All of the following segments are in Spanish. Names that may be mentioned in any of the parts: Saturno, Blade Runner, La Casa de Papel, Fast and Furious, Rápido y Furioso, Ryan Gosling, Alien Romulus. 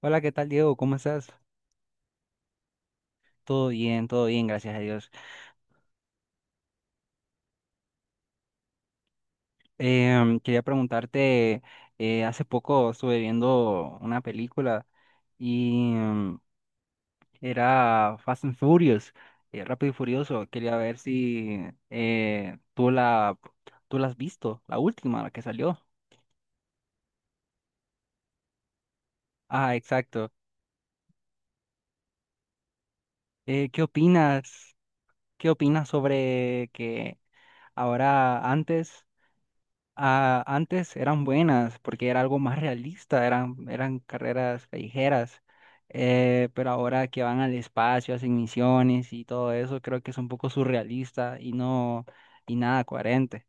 Hola, ¿qué tal, Diego? ¿Cómo estás? Todo bien, gracias a Dios. Quería preguntarte, hace poco estuve viendo una película y era Fast and Furious, Rápido y Furioso. Quería ver si eh, tú la, tú la has visto, la última, la que salió. Ah, exacto. ¿Qué opinas? ¿Qué opinas sobre que ahora antes Ah, antes eran buenas porque era algo más realista, eran carreras callejeras, pero ahora que van al espacio, hacen misiones y todo eso, creo que es un poco surrealista y no, y nada coherente.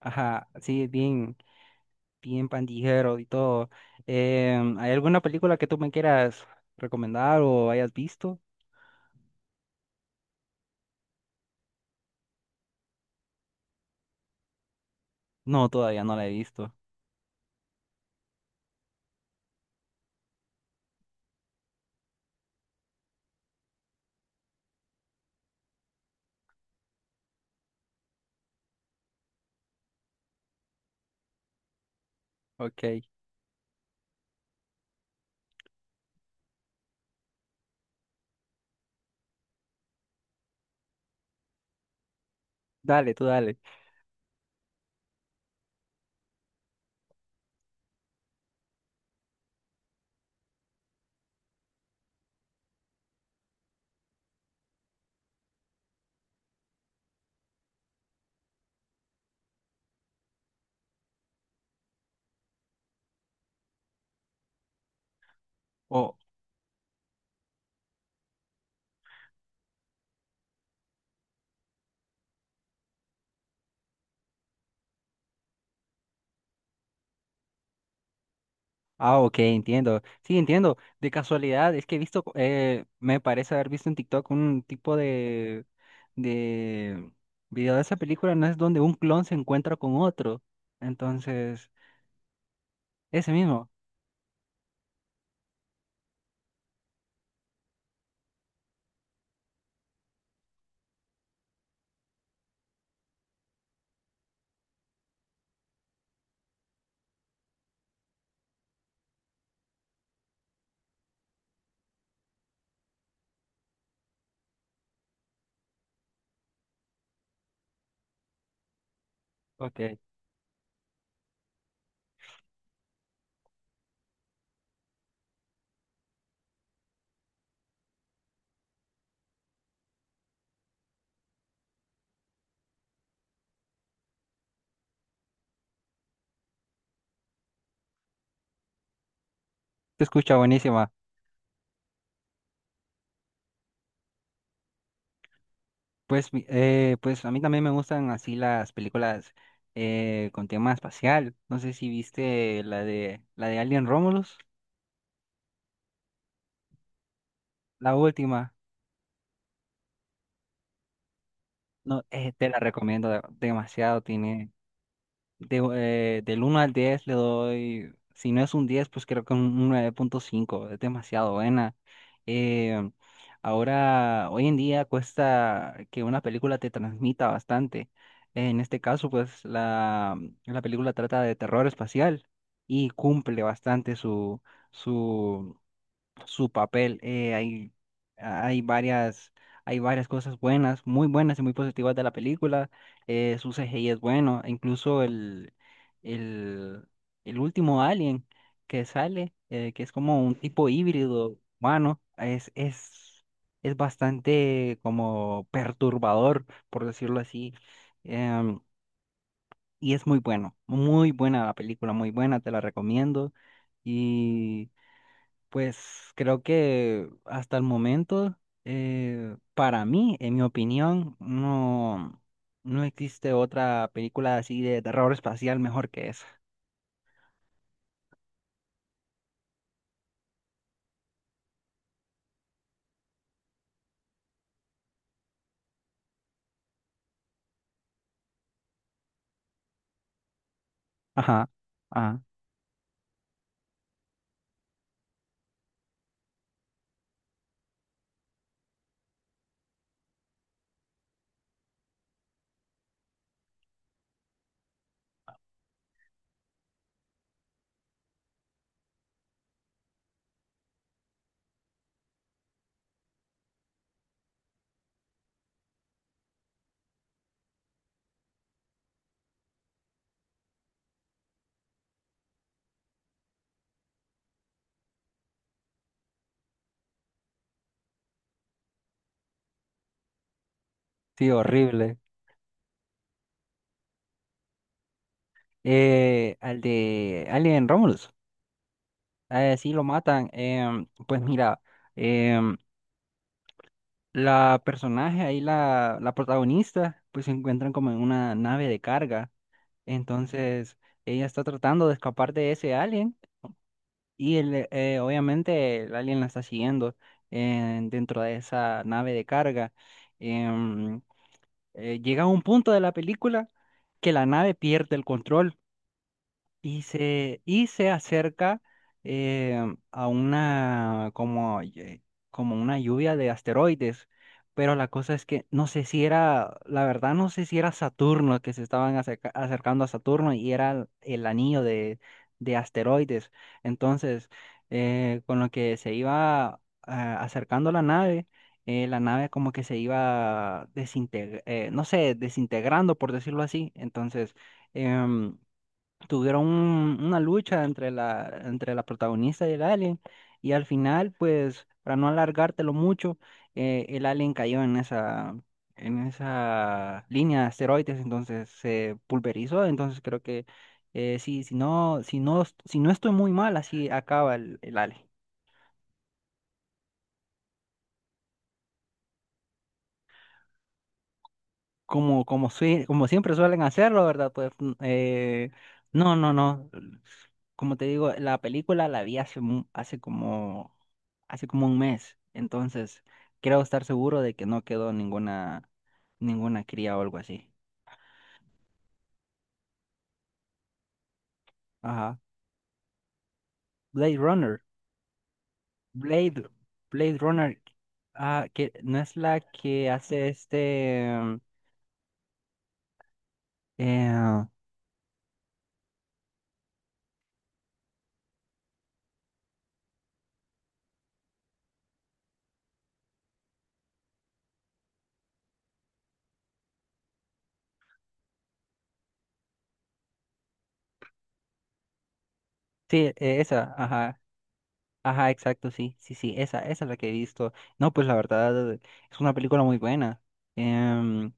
Ajá, sí, bien, bien pandillero y todo. ¿Hay alguna película que tú me quieras recomendar o hayas visto? No, todavía no la he visto. Ok, dale, tú dale. O, ah, ok, entiendo. Sí, entiendo. De casualidad, es que he visto, me parece haber visto en TikTok un tipo de video de esa película, ¿no es donde un clon se encuentra con otro? Entonces, ese mismo. Ok, te escucha buenísima. Pues a mí también me gustan así las películas con tema espacial. No sé si viste la de Alien Romulus, la última. No, te la recomiendo demasiado. Tiene de, del uno al 10 le doy, si no es un 10 pues creo que un nueve punto cinco es demasiado buena. Eh, ahora, hoy en día cuesta que una película te transmita bastante. En este caso, pues la película trata de terror espacial y cumple bastante su, su papel. Hay varias, hay varias cosas buenas, muy buenas y muy positivas de la película. Eh, su CGI es bueno, e incluso el, el último alien que sale, que es como un tipo híbrido humano, es bastante como perturbador, por decirlo así. em, y es muy bueno, muy buena la película, muy buena, te la recomiendo. Y pues creo que hasta el momento, para mí, en mi opinión, no, no existe otra película así de terror espacial mejor que esa. Ajá, ajá, sí, horrible. Al de Alien Romulus, sí lo matan. Pues mira, em, la personaje ahí, la protagonista, pues se encuentran como en una nave de carga. Entonces, ella está tratando de escapar de ese alien. Y obviamente el alien la está siguiendo dentro de esa nave de carga. Em, llega a un punto de la película que la nave pierde el control. Y se acerca eh, a una como, como una lluvia de asteroides. Pero la cosa es que no sé si era, la verdad no sé si era Saturno que se estaban acercando a Saturno y era el anillo de asteroides. Entonces, con lo que se iba acercando la nave como que se iba desintegrando, no sé, desintegrando por decirlo así. Entonces, em, tuvieron una lucha entre la protagonista y el alien y al final, pues, para no alargártelo mucho, el alien cayó en esa línea de asteroides, entonces se pulverizó, entonces creo que sí, si no, si no, si no estoy muy mal, así acaba el alien. Como, como siempre suelen hacerlo, ¿verdad? Pues no, no, no. Como te digo, la película la vi hace, hace como un mes. Entonces, creo estar seguro de que no quedó ninguna, ninguna cría o algo así. Ajá. Blade Runner. Blade, Blade Runner. Ah, que no es la que hace este. Eh, sí, esa, ajá. Ajá, exacto, sí, sí, sí, esa es la que he visto. No, pues la verdad es una película muy buena. Em,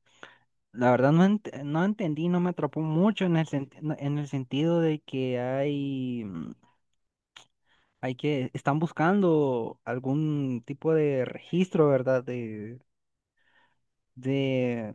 la verdad no, no entendí, no me atrapó mucho en el, sent- no- en el sentido de que hay, hay que, están buscando algún tipo de registro, ¿verdad? De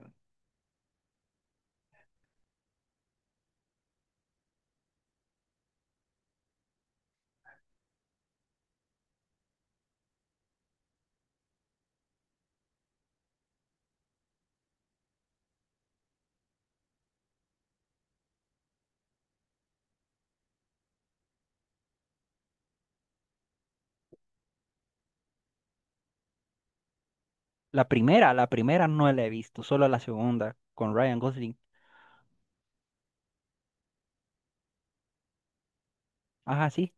la primera no la he visto, solo la segunda con Ryan Gosling. Ajá, sí,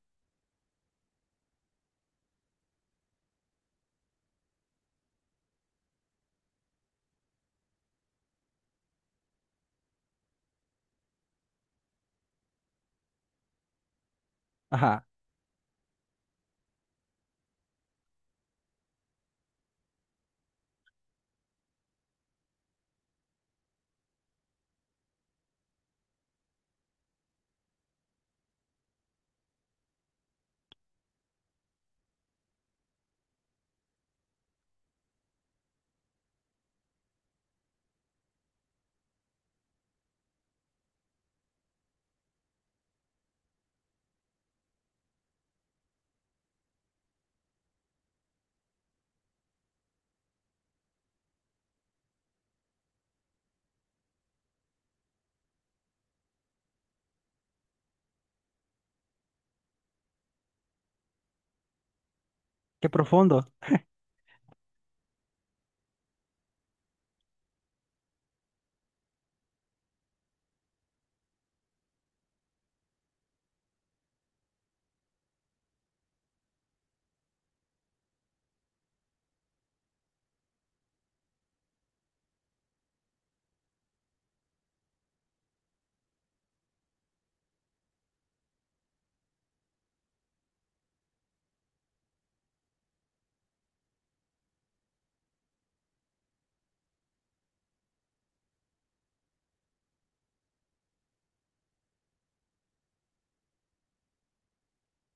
ajá, qué profundo.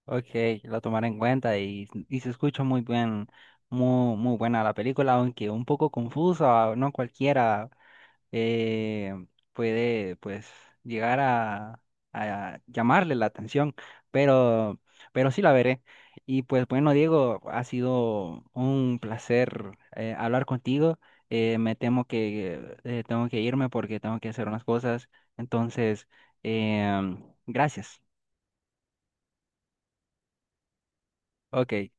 Ok, lo tomaré en cuenta y se escucha muy bien, muy, muy buena la película, aunque un poco confusa, no cualquiera eh, puede pues llegar a llamarle la atención, pero, pero sí la veré. Y pues bueno, Diego, ha sido un placer hablar contigo. Me temo que tengo que irme porque tengo que hacer unas cosas, entonces, gracias. Ok.